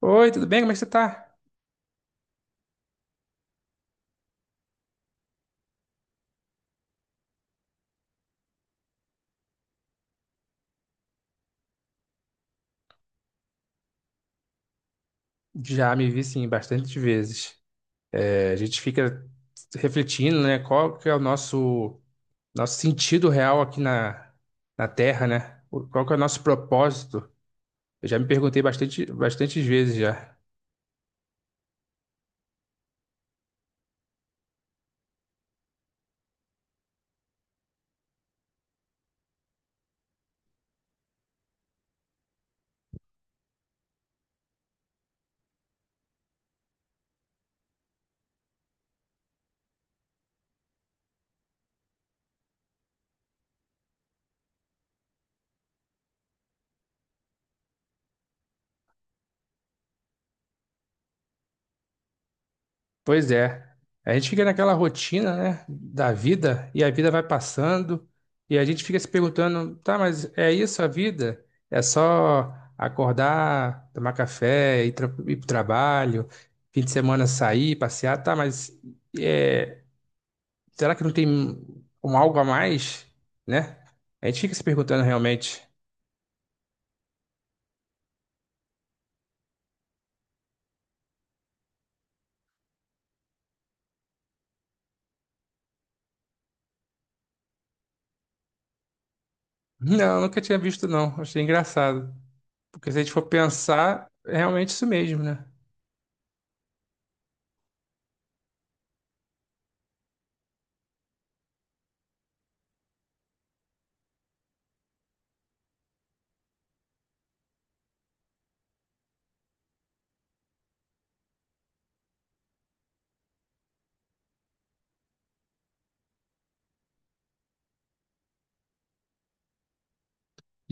Oi, tudo bem? Como é que você tá? Já me vi, sim, bastante vezes. A gente fica refletindo, né? Qual que é o nosso sentido real aqui na Terra, né? Qual que é o nosso propósito? Eu já me perguntei bastante, bastantes vezes já. Pois é. A gente fica naquela rotina, né, da vida, e a vida vai passando, e a gente fica se perguntando, tá, mas é isso a vida? É só acordar, tomar café, ir pro trabalho, fim de semana sair, passear, tá, mas é, será que não tem um algo a mais, né? A gente fica se perguntando realmente. Não, nunca tinha visto, não. Achei engraçado. Porque se a gente for pensar, é realmente isso mesmo, né?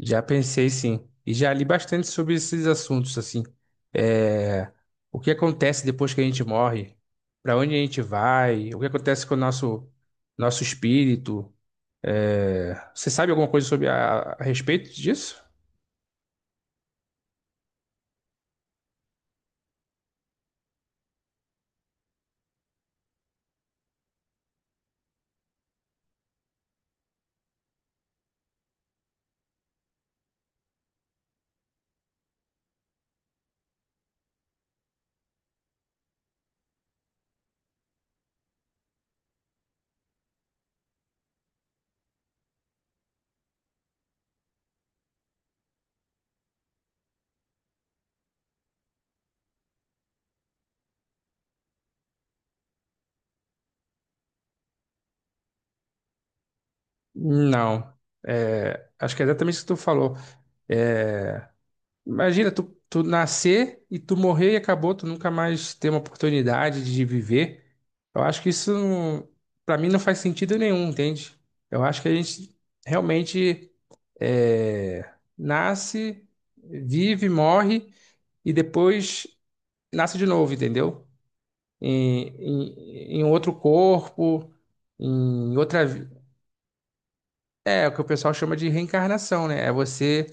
Já pensei, sim. E já li bastante sobre esses assuntos, assim. É, o que acontece depois que a gente morre? Para onde a gente vai? O que acontece com o nosso espírito? Você sabe alguma coisa sobre a respeito disso? Não. É, acho que é exatamente isso que tu falou. Imagina, tu nascer e tu morrer e acabou, tu nunca mais ter uma oportunidade de viver. Eu acho que isso, para mim, não faz sentido nenhum, entende? Eu acho que a gente realmente, nasce, vive, morre e depois nasce de novo, entendeu? Em outro corpo, em outra vida. É o que o pessoal chama de reencarnação, né? É você,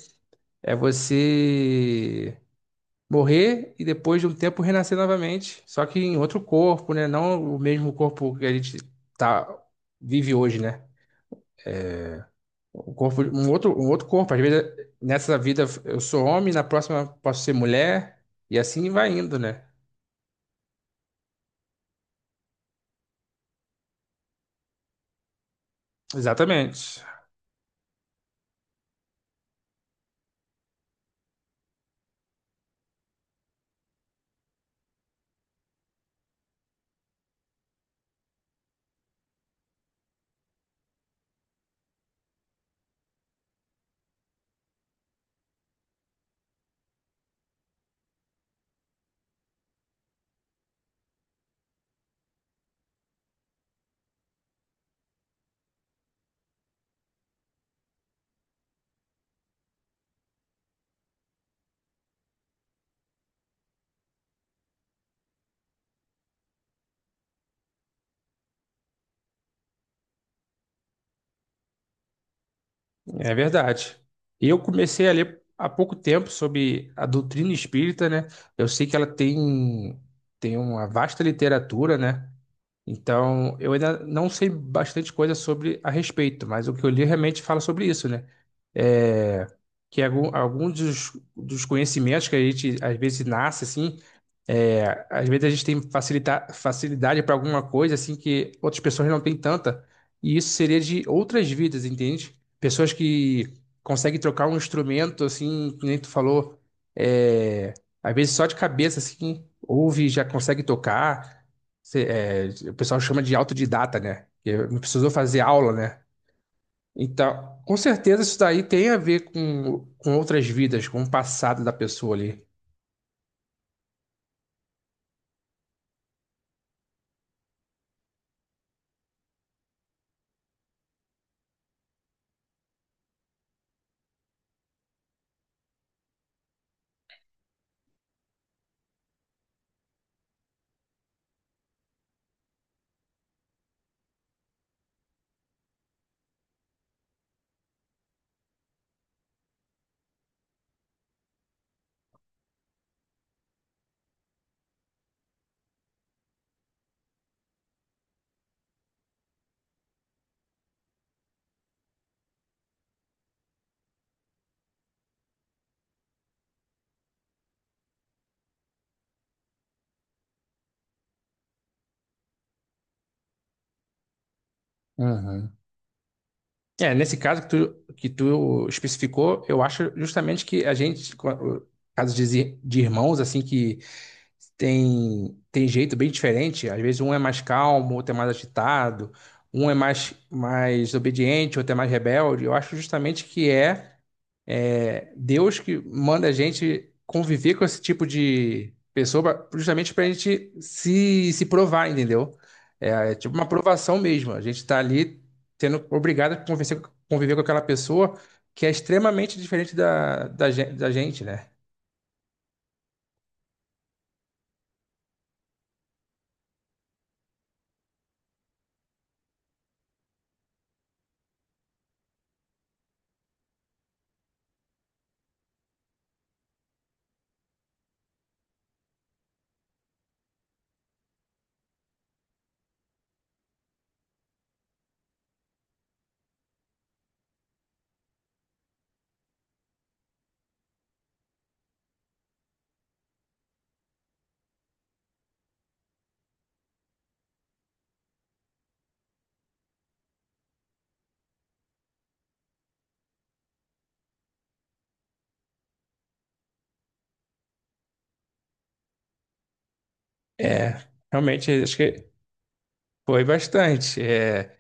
é você morrer e depois de um tempo renascer novamente, só que em outro corpo, né? Não o mesmo corpo que a gente tá, vive hoje, né? O corpo, um outro corpo. Às vezes, nessa vida eu sou homem, na próxima posso ser mulher, e assim vai indo, né? Exatamente. É verdade. Eu comecei a ler há pouco tempo sobre a doutrina espírita, né? Eu sei que ela tem uma vasta literatura, né? Então, eu ainda não sei bastante coisa sobre a respeito, mas o que eu li realmente fala sobre isso, né? É, que alguns dos conhecimentos que a gente às vezes nasce assim. É, às vezes a gente tem facilidade para alguma coisa assim que outras pessoas não têm tanta, e isso seria de outras vidas, entende? Pessoas que conseguem trocar um instrumento assim, que nem tu falou, é, às vezes só de cabeça assim, ouve, e já consegue tocar. O pessoal chama de autodidata, né? Que não precisou fazer aula, né? Então, com certeza isso daí tem a ver com outras vidas, com o passado da pessoa ali. Uhum. É, nesse caso que tu especificou, eu acho justamente que a gente, casos de de irmãos, assim, que tem jeito bem diferente, às vezes um é mais calmo, outro é mais agitado, um é mais obediente, outro é mais rebelde, eu acho justamente que é. É, Deus que manda a gente conviver com esse tipo de pessoa justamente para a gente se provar, entendeu? É, é tipo uma provação mesmo. A gente está ali sendo obrigado a conviver com aquela pessoa que é extremamente diferente da gente, né? É, realmente, acho que foi bastante. É,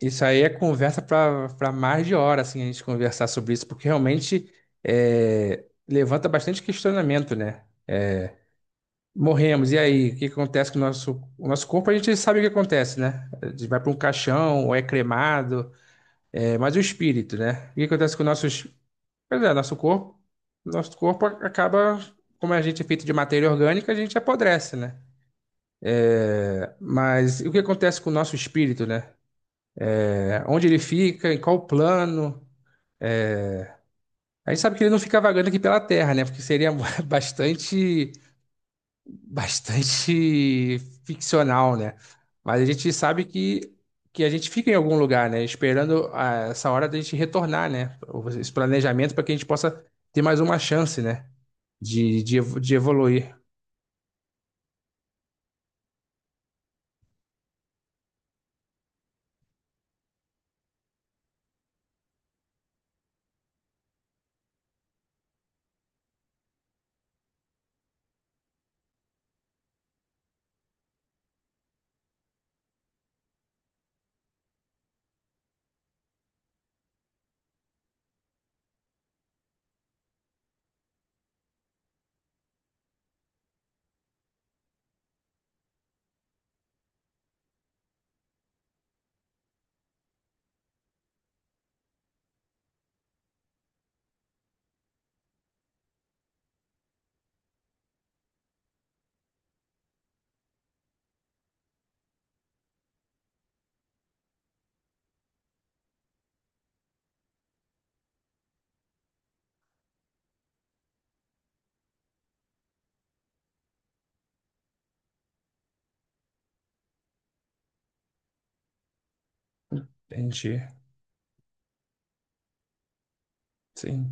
isso aí é conversa para mais de hora, assim, a gente conversar sobre isso, porque realmente é, levanta bastante questionamento, né? Morremos, e aí? O que acontece com o nosso corpo? A gente sabe o que acontece, né? A gente vai para um caixão, ou é cremado, é, mas o espírito, né? O que acontece com o nosso corpo? Nosso corpo acaba, como a gente é feito de matéria orgânica, a gente apodrece, né? Mas e o que acontece com o nosso espírito, né? É, onde ele fica, em qual plano? A gente sabe que ele não fica vagando aqui pela Terra, né? Porque seria bastante bastante ficcional, né? Mas a gente sabe que a gente fica em algum lugar, né? Esperando ah, essa hora da gente retornar, né? Esse planejamento para que a gente possa ter mais uma chance, né? De evoluir. A gente, sim.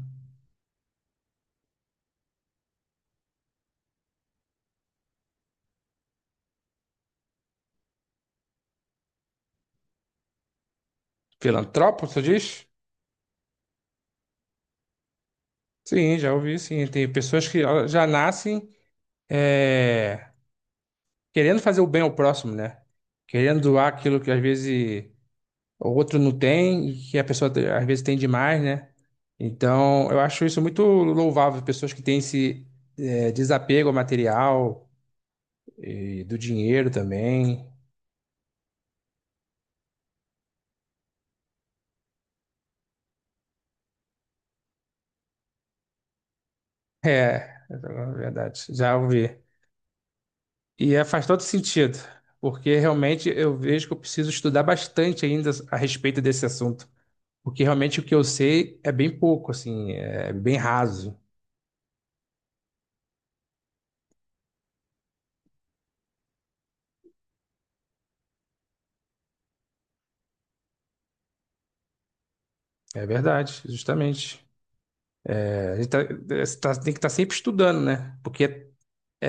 Filantropo, tu diz? Sim, já ouvi, sim. Tem pessoas que ó, já nascem é, querendo fazer o bem ao próximo, né? Querendo doar aquilo que às vezes o outro não tem, e que a pessoa às vezes tem demais, né? Então, eu acho isso muito louvável, pessoas que têm esse é, desapego ao material e do dinheiro também. É, é verdade, já ouvi. E é, faz todo sentido, porque realmente eu vejo que eu preciso estudar bastante ainda a respeito desse assunto, porque realmente o que eu sei é bem pouco, assim, é bem raso. É verdade, justamente. É, a gente tem que estar sempre estudando, né? Porque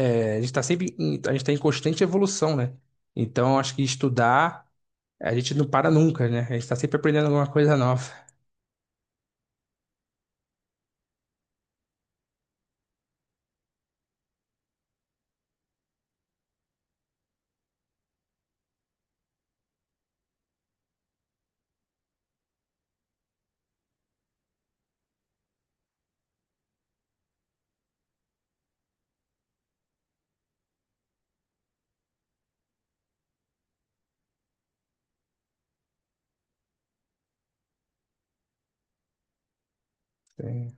é, a gente está sempre em, a gente tá em constante evolução, né? Então, acho que estudar, a gente não para nunca, né? A gente está sempre aprendendo alguma coisa nova. É,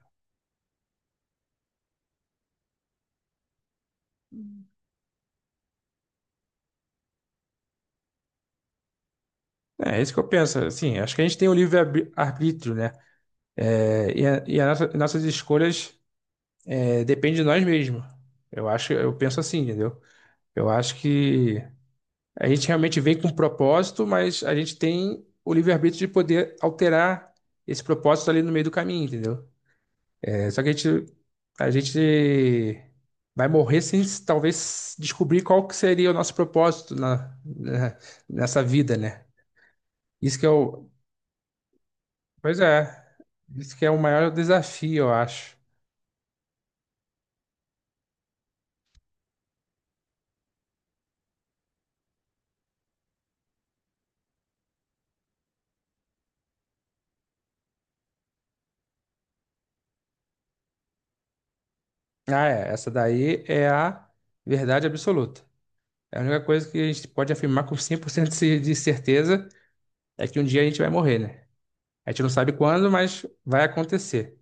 é isso que eu penso, assim, acho que a gente tem o livre-arbítrio, né? É, e nossas escolhas é, dependem de nós mesmos. Eu acho, eu penso assim, entendeu? Eu acho que a gente realmente vem com um propósito, mas a gente tem o livre-arbítrio de poder alterar esse propósito ali no meio do caminho, entendeu? É, só que a gente vai morrer sem talvez descobrir qual que seria o nosso propósito nessa vida, né? Isso que é pois é, isso que é o maior desafio, eu acho. Ah, é, essa daí é a verdade absoluta. É a única coisa que a gente pode afirmar com 100% de certeza é que um dia a gente vai morrer, né? A gente não sabe quando, mas vai acontecer.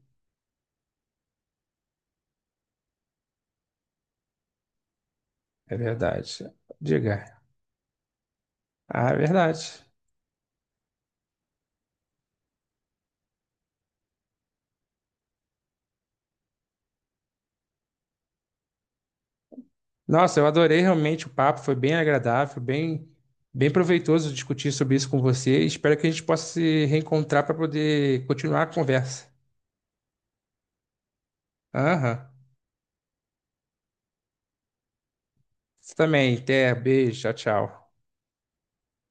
É verdade. Diga. Ah, é verdade. Nossa, eu adorei realmente o papo, foi bem agradável, bem, bem proveitoso discutir sobre isso com você. Espero que a gente possa se reencontrar para poder continuar a conversa. Aham. Você também, até, beijo, tchau, tchau.